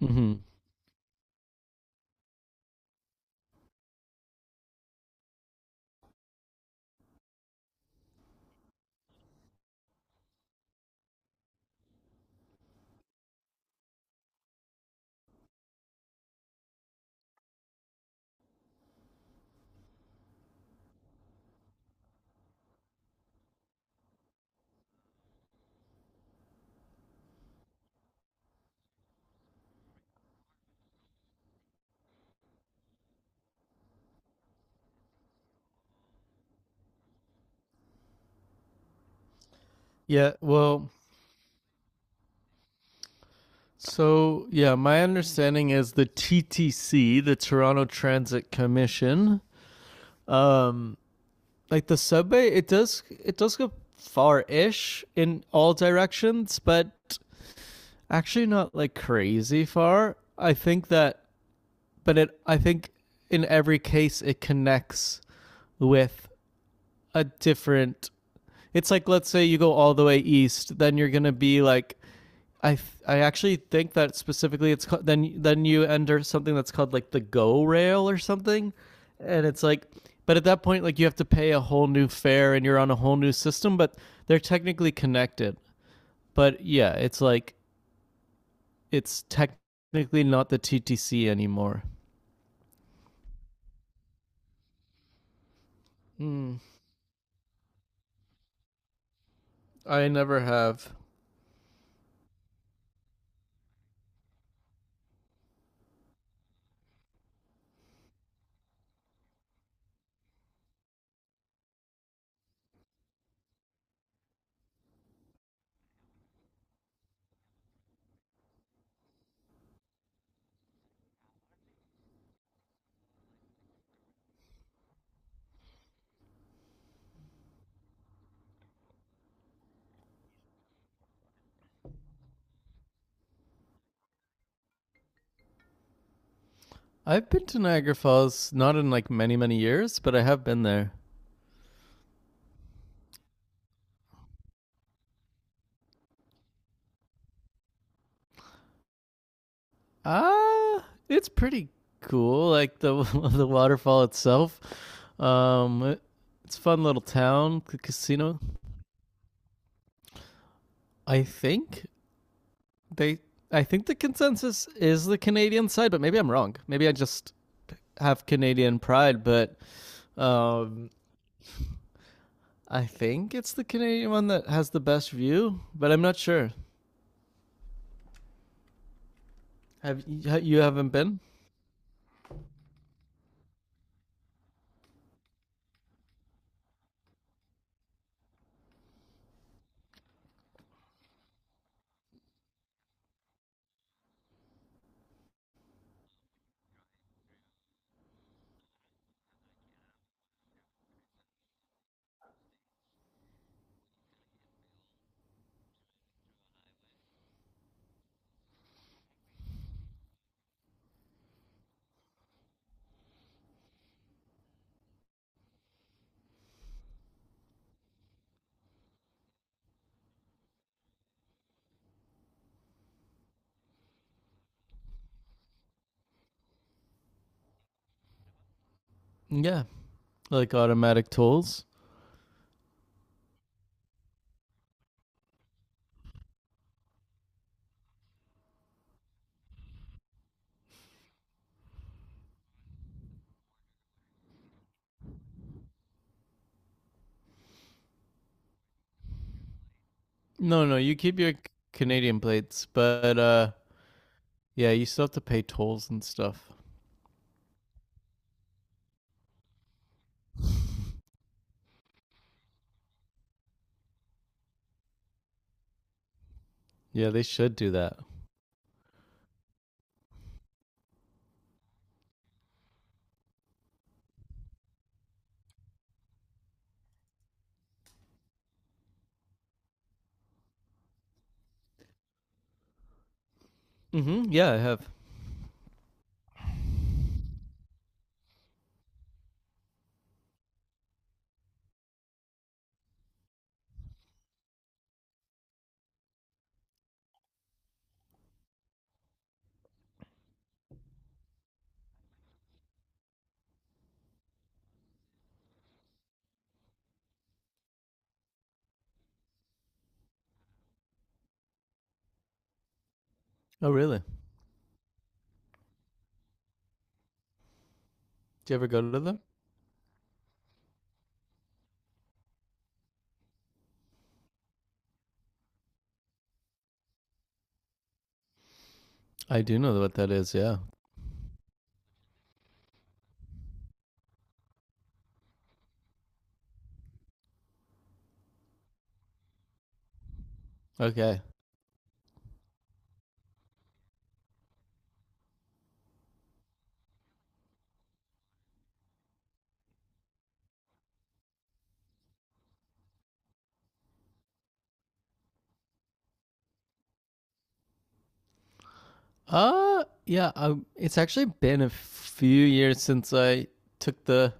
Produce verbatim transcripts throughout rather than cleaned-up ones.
Hmm. Yeah, well, so yeah, my understanding is the T T C, the Toronto Transit Commission, like the subway, it does it does go far-ish in all directions, but actually not like crazy far. I think that, but it I think in every case it connects with a different. It's like, let's say you go all the way east, then you're gonna be like I th- I actually think that specifically it's called, then then you enter something that's called like the go rail or something, and it's like, but at that point like you have to pay a whole new fare and you're on a whole new system, but they're technically connected. But yeah, it's like it's technically not the T T C anymore. Hmm. I never have. I've been to Niagara Falls not in like many many years, but I have been there. Ah, it's pretty cool. Like the the waterfall itself. Um, it's a fun little town. The casino. I think they. I think the consensus is the Canadian side, but maybe I'm wrong. Maybe I just have Canadian pride, but um, I think it's the Canadian one that has the best view. But I'm not sure. Have you, haven't been? Yeah, like automatic tolls. No, no, you keep your Canadian plates, but uh, yeah, you still have to pay tolls and stuff. Yeah, they should do that. Mm-hmm. Yeah, I have. Oh, really? Do you ever go to them? I do know what that is. Yeah. Okay. Uh, yeah. Um, it's actually been a few years since I took the.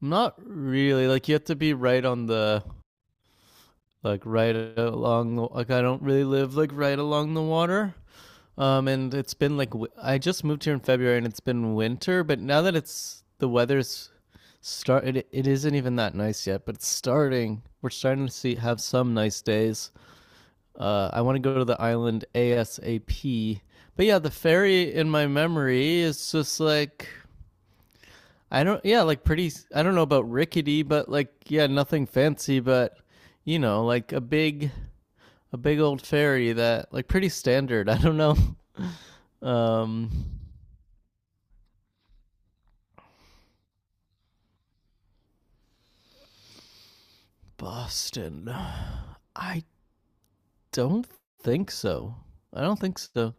Not really. Like you have to be right on the, like right along the. Like I don't really live like right along the water. Um, and it's been like I just moved here in February, and it's been winter. But now that it's the weather's start, it, it isn't even that nice yet. But it's starting. We're starting to see have some nice days. Uh, I want to go to the island ASAP. But yeah, the ferry in my memory is just like I don't, yeah, like pretty, I don't know about rickety, but like yeah, nothing fancy, but you know, like a big, a big old ferry that like pretty standard. I don't know. Um, Boston. I don't think so. I don't think so.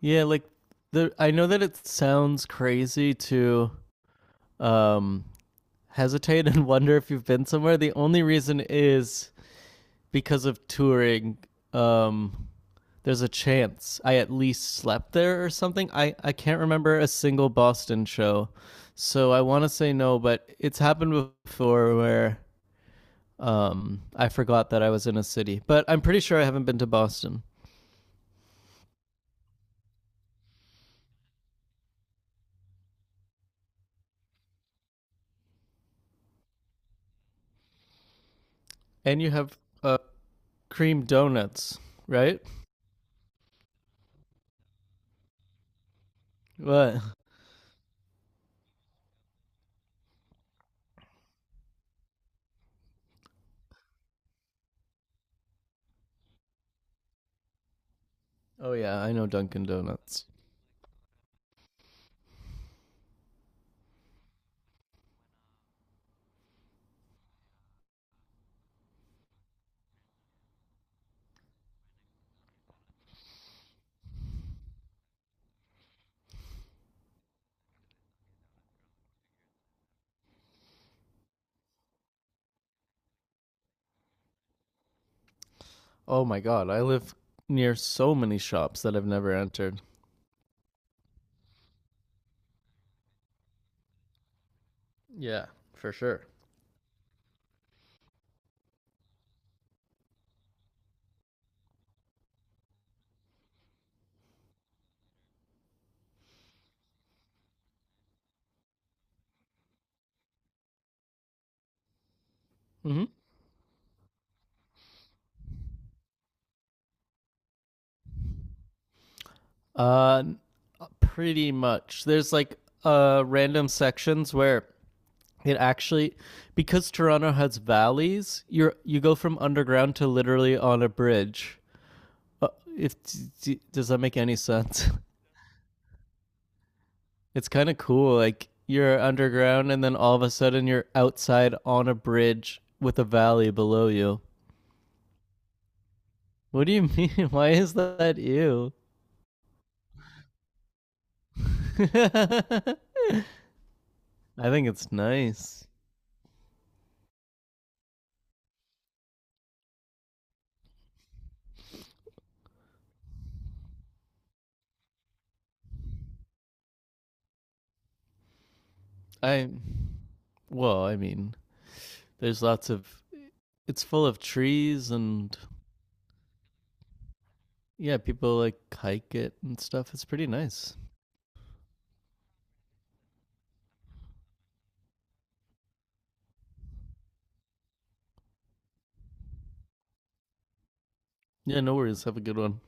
Yeah, like the I know that it sounds crazy to um hesitate and wonder if you've been somewhere. The only reason is because of touring. Um, there's a chance I at least slept there or something. I, I can't remember a single Boston show. So I want to say no, but it's happened before where um, I forgot that I was in a city. But I'm pretty sure I haven't been to Boston. And you have uh, cream donuts, right? What? Oh, yeah, I know Dunkin' Donuts. Oh my god, I live near so many shops that I've never entered. Yeah, for sure. Mm-hmm. Uh, pretty much. There's like uh random sections where it actually because Toronto has valleys, you're you go from underground to literally on a bridge. Uh, if does that make any sense? It's kind of cool. Like you're underground and then all of a sudden you're outside on a bridge with a valley below you. What do you mean? Why is that you? I think it's nice. I well, I mean, there's lots of it's full of trees and yeah, people like hike it and stuff. It's pretty nice. Yeah, no worries. Have a good one.